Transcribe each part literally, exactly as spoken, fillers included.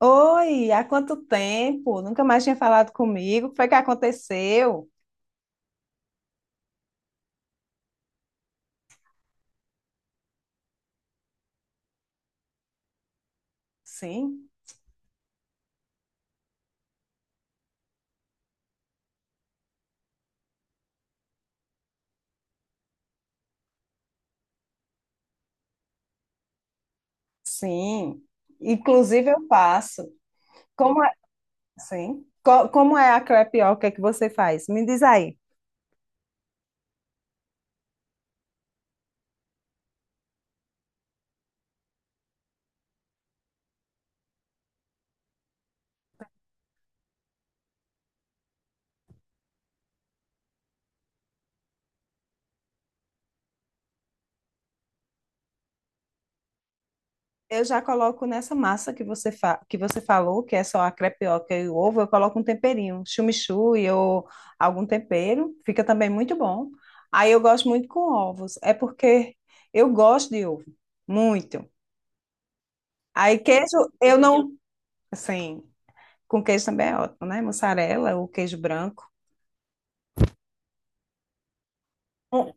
Oi, há quanto tempo? Nunca mais tinha falado comigo. O que foi que aconteceu? Sim, sim. Inclusive eu faço. Como é, sim. Co- como é a crepioca que você faz? Me diz aí. Eu já coloco nessa massa que você fa... que você falou, que é só a crepioca e o ovo, eu coloco um temperinho, chimichurri ou algum tempero, fica também muito bom. Aí eu gosto muito com ovos, é porque eu gosto de ovo, muito. Aí queijo, eu não, sim. Com queijo também é ótimo, né? Mussarela ou queijo branco. On-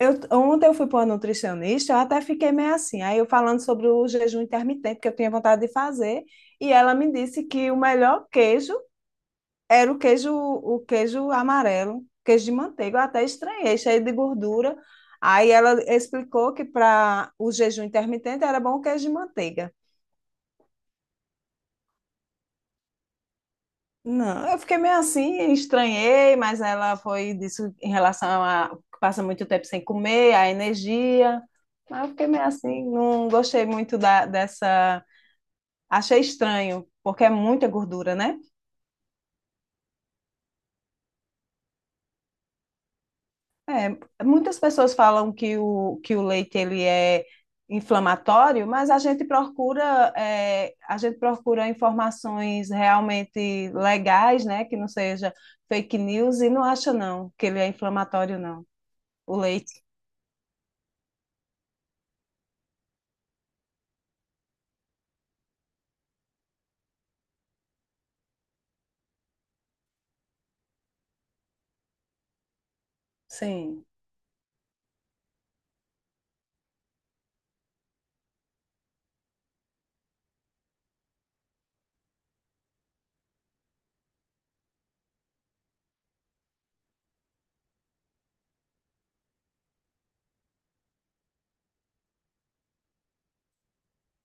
Eu, ontem eu fui para uma nutricionista, eu até fiquei meio assim. Aí eu falando sobre o jejum intermitente que eu tinha vontade de fazer, e ela me disse que o melhor queijo era o queijo, o queijo amarelo, queijo de manteiga. Eu até estranhei, cheio de gordura. Aí ela explicou que para o jejum intermitente era bom o queijo de manteiga. Não, eu fiquei meio assim, estranhei, mas ela foi disso em relação a que passa muito tempo sem comer, a energia. Mas eu fiquei meio assim, não gostei muito da, dessa. Achei estranho, porque é muita gordura, né? Muitas pessoas falam que o, que o leite ele é inflamatório, mas a gente procura é, a gente procura informações realmente legais, né? Que não seja fake news e não acha não que ele é inflamatório, não. O leite. Sim.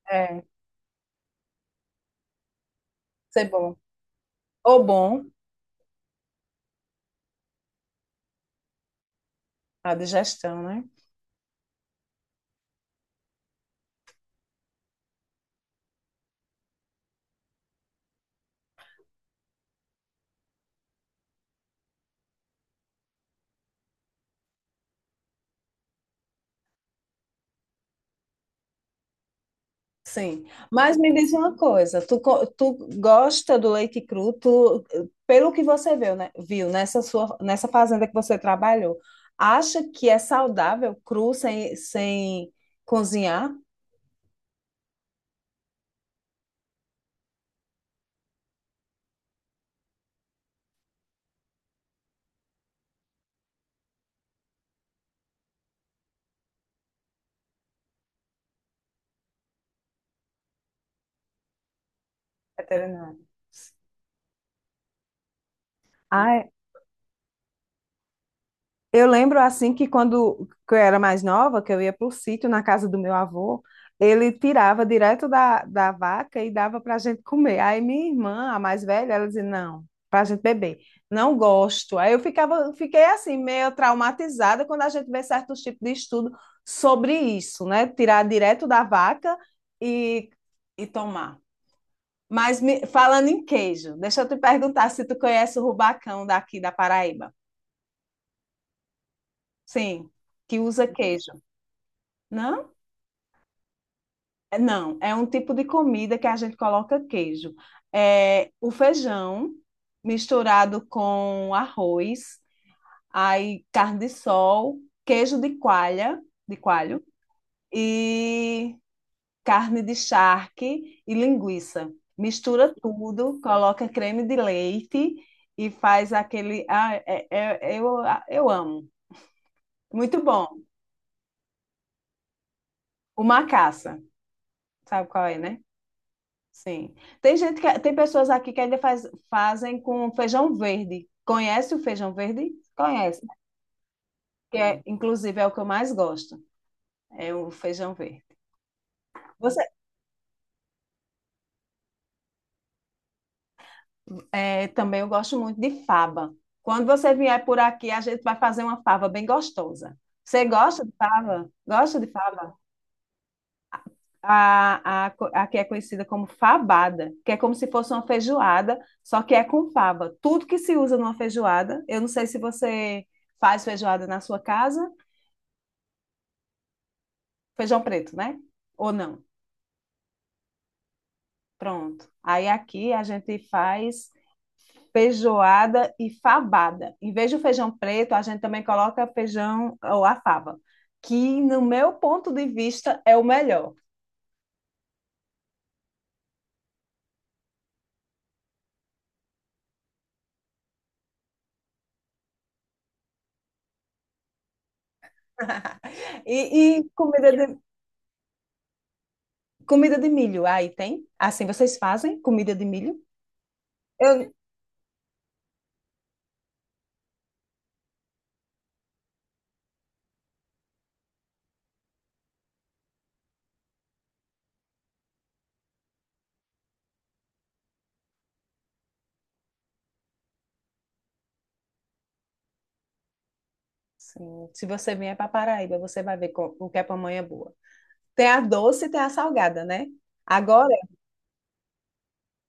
É, ser bom, ou bom, a digestão, né? Sim, mas me diz uma coisa, tu, co- tu gosta do leite cru, tu, pelo que você viu, né, viu nessa sua, nessa fazenda que você trabalhou, acha que é saudável cru sem, sem cozinhar? Veterinário. Ah, eu lembro assim que quando que eu era mais nova, que eu ia para o sítio na casa do meu avô, ele tirava direto da, da vaca e dava para a gente comer. Aí minha irmã, a mais velha, ela dizia, não, para a gente beber. Não gosto. Aí eu ficava, fiquei assim, meio traumatizada quando a gente vê certos tipos de estudo sobre isso, né? Tirar direto da vaca e, e tomar. Mas me- falando em queijo, deixa eu te perguntar se tu conhece o rubacão daqui da Paraíba. Sim, que usa queijo. Não? É- Não, é um tipo de comida que a gente coloca queijo. É o feijão misturado com arroz, aí carne de sol, queijo de coalha, de coalho e carne de charque e linguiça. Mistura tudo, coloca creme de leite e faz aquele. Ah, é- é- eu, eu amo. Muito bom. O macaça, sabe qual é, né? Sim. Tem gente que, tem pessoas aqui que ainda faz, fazem com feijão verde. Conhece o feijão verde? Conhece, que é, inclusive é o que eu mais gosto, é o feijão verde. Você, é, também eu gosto muito de fava. Quando você vier por aqui, a gente vai fazer uma fava bem gostosa. Você gosta de fava? Gosta de fava? A, a, co- a que é conhecida como fabada, que é como se fosse uma feijoada, só que é com fava. Tudo que se usa numa feijoada, eu não sei se você faz feijoada na sua casa. Feijão preto, né? Ou não? Pronto. Aí aqui a gente faz feijoada e fabada. Em vez do feijão preto, a gente também coloca feijão ou a fava, que no meu ponto de vista é o melhor. E, e comida de, comida de milho, aí tem? Assim, vocês fazem comida de milho? Eu, sim, se você vier para Paraíba, você vai ver co- o que é pamonha boa. Tem a doce e tem a salgada, né? Agora,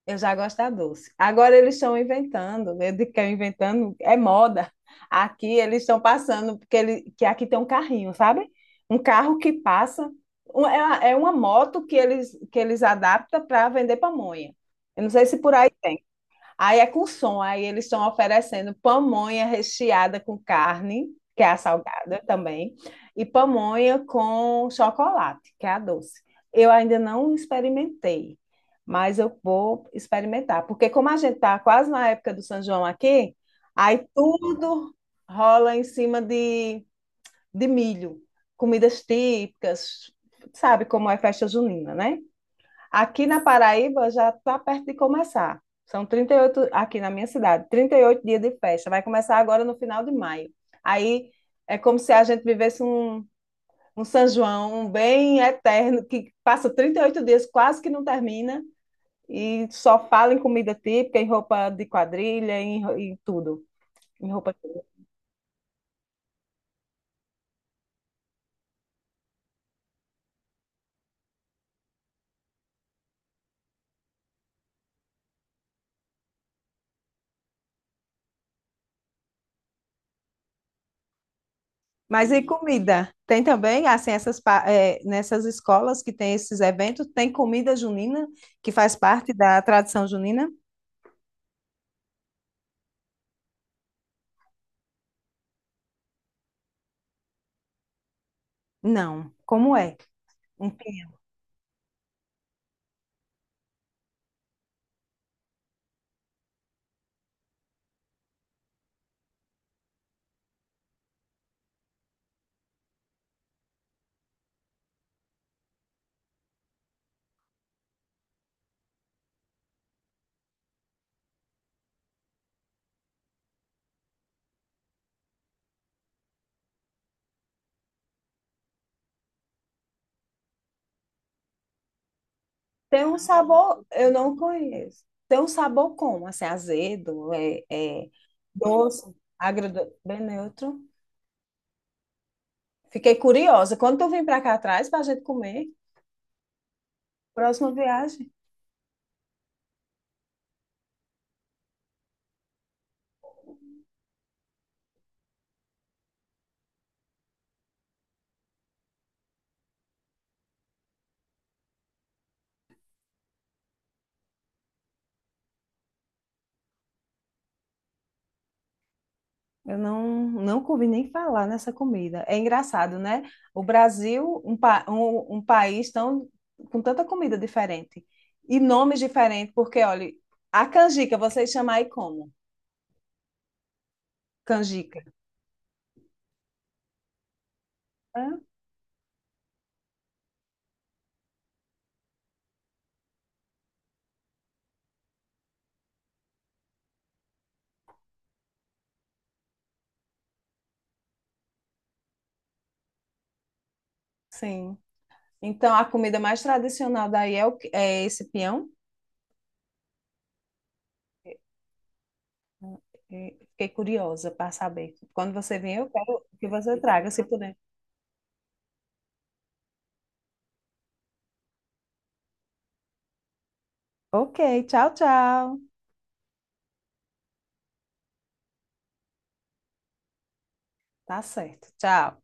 eu já gosto da doce. Agora eles estão inventando, eu digo que é inventando, é moda. Aqui eles estão passando, porque ele, que aqui tem um carrinho, sabe? Um carro que passa, um- é, uma- é uma moto que eles, que eles adaptam para vender pamonha. Eu não sei se por aí tem. Aí é com som, aí eles estão oferecendo pamonha recheada com carne, que é a salgada também, e pamonha com chocolate, que é a doce. Eu ainda não experimentei, mas eu vou experimentar, porque como a gente está quase na época do São João aqui, aí tudo rola em cima de, de milho, comidas típicas, sabe como é festa junina, né? Aqui na Paraíba já está perto de começar. São trinta e oito aqui na minha cidade, trinta e oito dias de festa. Vai começar agora no final de maio. Aí é como se a gente vivesse um, um São João um bem eterno, que passa trinta e oito dias, quase que não termina, e só fala em comida típica, em roupa de quadrilha, em, ro- em tudo. Em roupa típica. Mas e comida? Tem também, assim, essas, pa- eh, nessas escolas que tem esses eventos, tem comida junina, que faz parte da tradição junina? Não. Como é? Um pinhão. Tem um sabor, eu não conheço. Tem um sabor como? Assim, azedo, é, é doce, agradoce, bem neutro. Fiquei curiosa. Quando tu vim pra cá atrás pra gente comer, próxima viagem. Eu não, não ouvi nem falar nessa comida. É engraçado, né? O Brasil, um, pa- um, um país tão, com tanta comida diferente e nomes diferentes, porque, olha, a canjica, vocês chamam aí como? Canjica. Ah, sim. Então, a comida mais tradicional daí é, o, que- é esse peão? E fiquei curiosa para saber. Quando você vier, eu quero que você traga, se puder. Ok, tchau, tchau. Tá certo. Tchau.